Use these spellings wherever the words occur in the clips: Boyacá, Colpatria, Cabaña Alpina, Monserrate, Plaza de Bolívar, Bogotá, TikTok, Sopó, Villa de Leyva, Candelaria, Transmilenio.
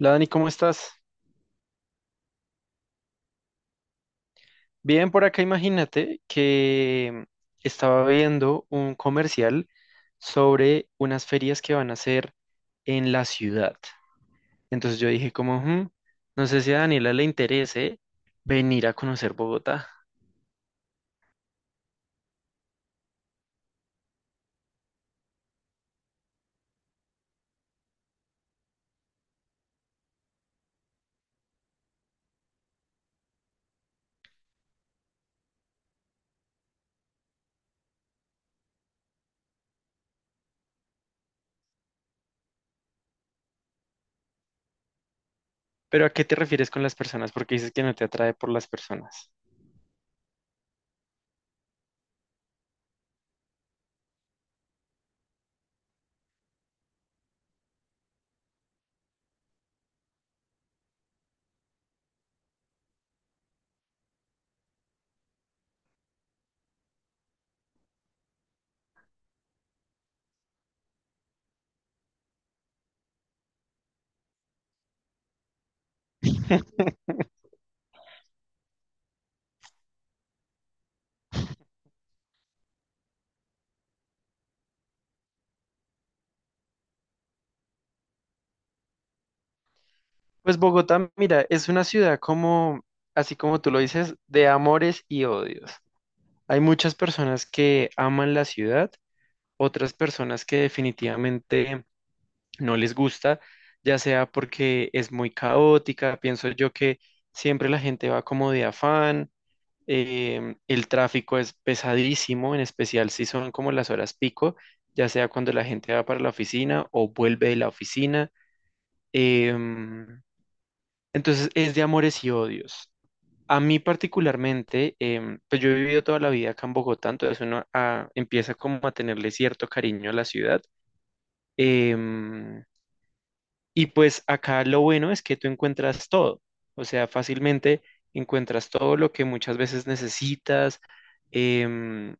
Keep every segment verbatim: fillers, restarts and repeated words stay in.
Hola Dani, ¿cómo estás? Bien, por acá imagínate que estaba viendo un comercial sobre unas ferias que van a hacer en la ciudad. Entonces yo dije como, "Hmm, no sé si a Daniela le interese venir a conocer Bogotá". Pero ¿a qué te refieres con las personas? Porque dices que no te atrae por las personas. Pues Bogotá, mira, es una ciudad como, así como tú lo dices, de amores y odios. Hay muchas personas que aman la ciudad, otras personas que definitivamente no les gusta, ya sea porque es muy caótica, pienso yo que siempre la gente va como de afán, em, el tráfico es pesadísimo, en especial si son como las horas pico, ya sea cuando la gente va para la oficina o vuelve de la oficina. em, entonces es de amores y odios. A mí particularmente, em, pues yo he vivido toda la vida acá en Bogotá, entonces uno ah, empieza como a tenerle cierto cariño a la ciudad. Em, y pues acá lo bueno es que tú encuentras todo, o sea, fácilmente encuentras todo lo que muchas veces necesitas. em,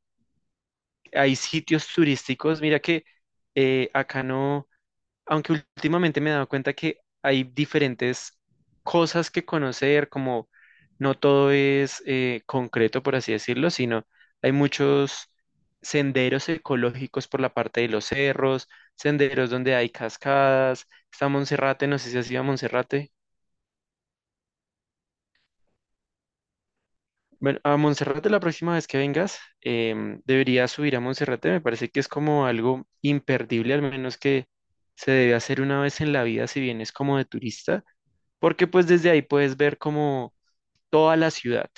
Hay sitios turísticos, mira que eh, acá no, aunque últimamente me he dado cuenta que hay diferentes cosas que conocer, como no todo es eh, concreto, por así decirlo, sino hay muchos senderos ecológicos por la parte de los cerros, senderos donde hay cascadas, está Monserrate, no sé si has ido a Monserrate. Bueno, a Monserrate la próxima vez que vengas, em, deberías subir a Monserrate, me parece que es como algo imperdible, al menos que se debe hacer una vez en la vida si vienes como de turista, porque pues desde ahí puedes ver como toda la ciudad.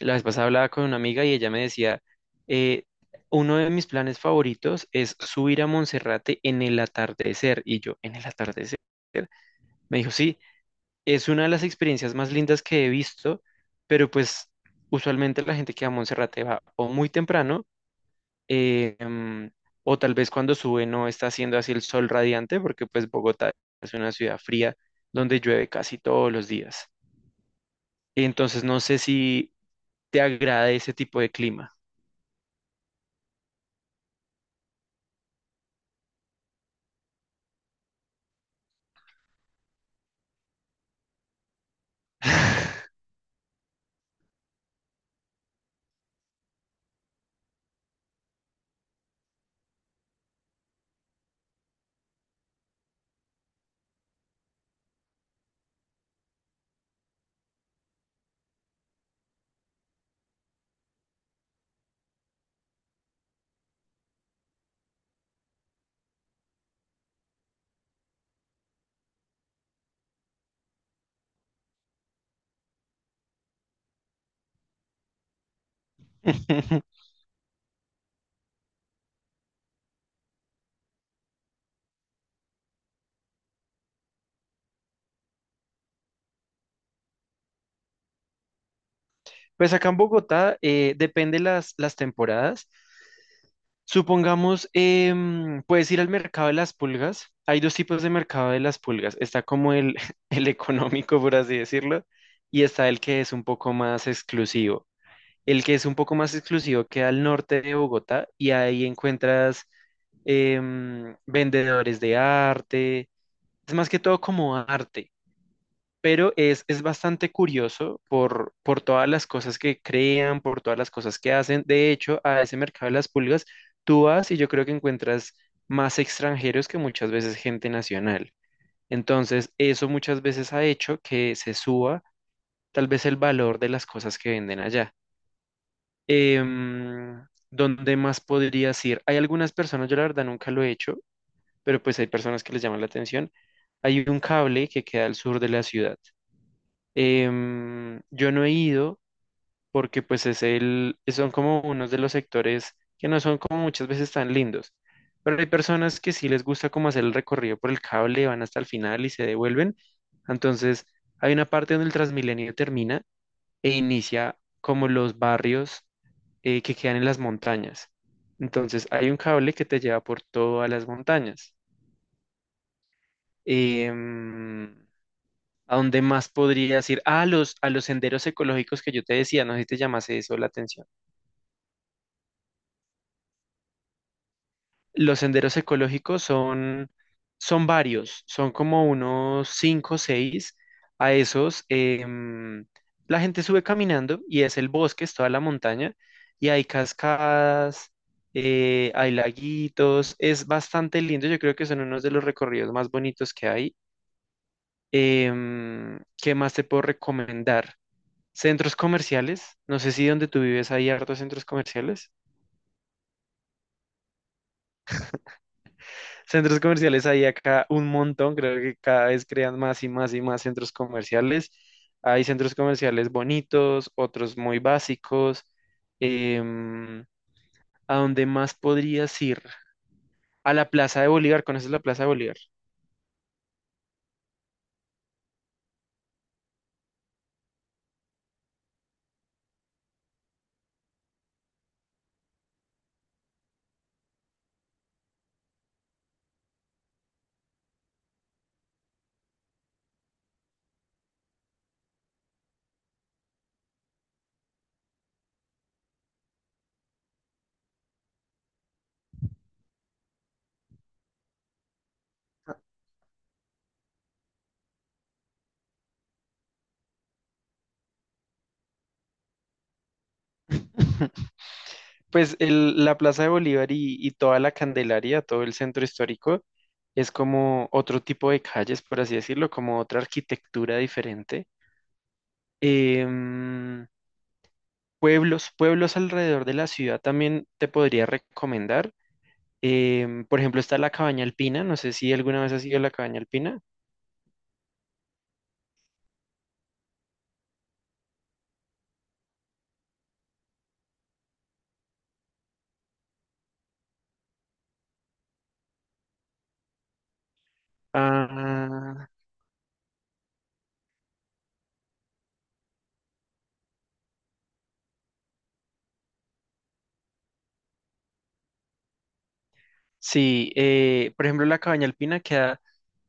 La vez pasada hablaba con una amiga y ella me decía, eh, uno de mis planes favoritos es subir a Monserrate en el atardecer. Y yo, ¿en el atardecer? Me dijo, sí, es una de las experiencias más lindas que he visto, pero pues usualmente la gente que va a Monserrate va o muy temprano, eh, em, o tal vez cuando sube no está haciendo así el sol radiante, porque pues Bogotá es una ciudad fría donde llueve casi todos los días. Entonces no sé si te agrada ese tipo de clima. Pues acá en Bogotá eh, depende las, las temporadas. Supongamos, em, puedes ir al mercado de las pulgas. Hay dos tipos de mercado de las pulgas. Está como el, el económico, por así decirlo, y está el que es un poco más exclusivo. El que es un poco más exclusivo queda al norte de Bogotá y ahí encuentras em, vendedores de arte. Es más que todo como arte. Pero es, es bastante curioso por, por todas las cosas que crean, por todas las cosas que hacen. De hecho, a ese mercado de las pulgas, tú vas y yo creo que encuentras más extranjeros que muchas veces gente nacional. Entonces, eso muchas veces ha hecho que se suba tal vez el valor de las cosas que venden allá. Em, ¿Dónde más podrías ir? Hay algunas personas, yo la verdad nunca lo he hecho, pero pues hay personas que les llaman la atención. Hay un cable que queda al sur de la ciudad. Em, yo no he ido porque pues es el, son como unos de los sectores que no son como muchas veces tan lindos, pero hay personas que sí les gusta como hacer el recorrido por el cable, van hasta el final y se devuelven. Entonces hay una parte donde el Transmilenio termina e inicia como los barrios eh, que quedan en las montañas. Entonces hay un cable que te lleva por todas las montañas. Em, ¿A dónde más podrías ir? Ah, a los, a los senderos ecológicos que yo te decía, no sé si te llamase eso la atención. Los senderos ecológicos son, son varios, son como unos cinco o seis. A esos, em, la gente sube caminando y es el bosque, es toda la montaña, y hay cascadas, eh, hay laguitos, es bastante lindo. Yo creo que son unos de los recorridos más bonitos que hay. Em, ¿qué más te puedo recomendar? Centros comerciales, no sé si donde tú vives hay hartos centros comerciales. Centros comerciales hay acá un montón, creo que cada vez crean más y más y más centros comerciales. Hay centros comerciales bonitos, otros muy básicos. Em, ¿A dónde más podrías ir? A la Plaza de Bolívar, ¿conoces la Plaza de Bolívar? Pues el- la Plaza de Bolívar y, y toda la Candelaria, todo el centro histórico, es como otro tipo de calles, por así decirlo, como otra arquitectura diferente. Em, Pueblos, pueblos alrededor de la ciudad también te podría recomendar. Em, por ejemplo, está la Cabaña Alpina, no sé si alguna vez has ido a la Cabaña Alpina. Ah, sí, eh, por ejemplo, la cabaña alpina queda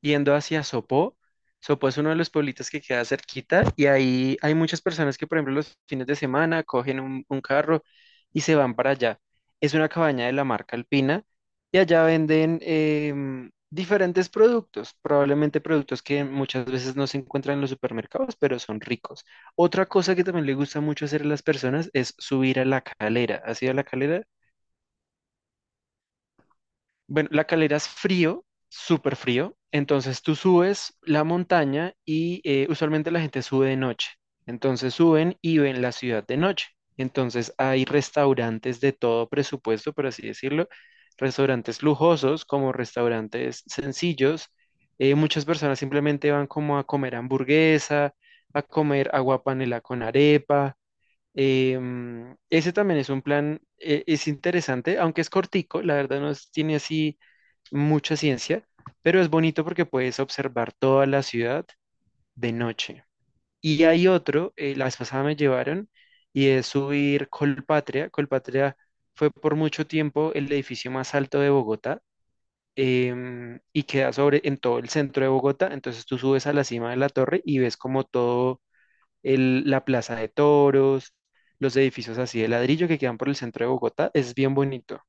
yendo hacia Sopó. Sopó es uno de los pueblitos que queda cerquita y ahí hay muchas personas que, por ejemplo, los fines de semana cogen un, un carro y se van para allá. Es una cabaña de la marca Alpina y allá venden em, diferentes productos, probablemente productos que muchas veces no se encuentran en los supermercados, pero son ricos. Otra cosa que también le gusta mucho hacer a las personas es subir a la calera. ¿Has ido a la calera? Bueno, la calera es frío, súper frío. Entonces tú subes la montaña y eh, usualmente la gente sube de noche. Entonces suben y ven la ciudad de noche. Entonces hay restaurantes de todo presupuesto, por así decirlo. Restaurantes lujosos como restaurantes sencillos. Eh, muchas personas simplemente van como a comer hamburguesa, a comer agua panela con arepa. Em, ese también es un plan, eh, es interesante, aunque es cortico, la verdad no es- tiene así mucha ciencia, pero es bonito porque puedes observar toda la ciudad de noche. Y hay otro, eh, la vez pasada me llevaron, y es subir Colpatria. Colpatria fue por mucho tiempo el edificio más alto de Bogotá, em, y queda sobre en todo el centro de Bogotá. Entonces tú subes a la cima de la torre y ves como todo el- la plaza de toros, los edificios así de ladrillo que quedan por el centro de Bogotá. Es bien bonito.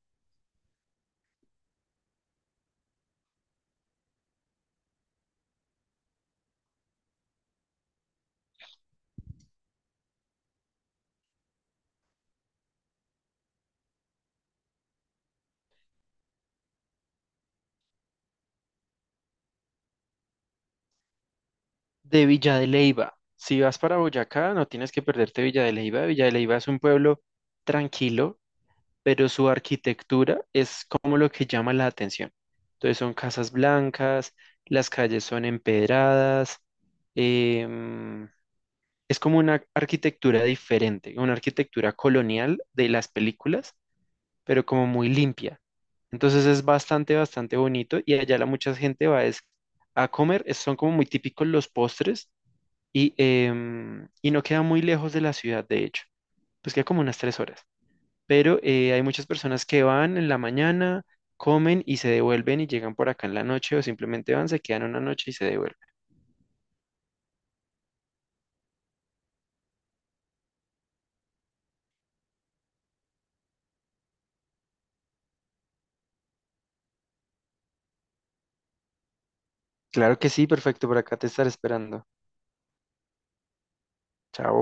De Villa de Leyva. Si vas para Boyacá, no tienes que perderte Villa de Leyva. Villa de Leyva es un pueblo tranquilo, pero su arquitectura es como lo que llama la atención. Entonces son casas blancas, las calles son empedradas, em, es como una arquitectura diferente, una arquitectura colonial de las películas, pero como muy limpia. Entonces es bastante, bastante bonito y allá la mucha gente va es a comer, es- son como muy típicos los postres y, em, y no queda muy lejos de la ciudad, de hecho, pues queda como unas tres horas, pero eh, hay muchas personas que van en la mañana, comen y se devuelven y llegan por acá en la noche o simplemente van, se quedan una noche y se devuelven. Claro que sí, perfecto, por acá te estaré esperando. Chao.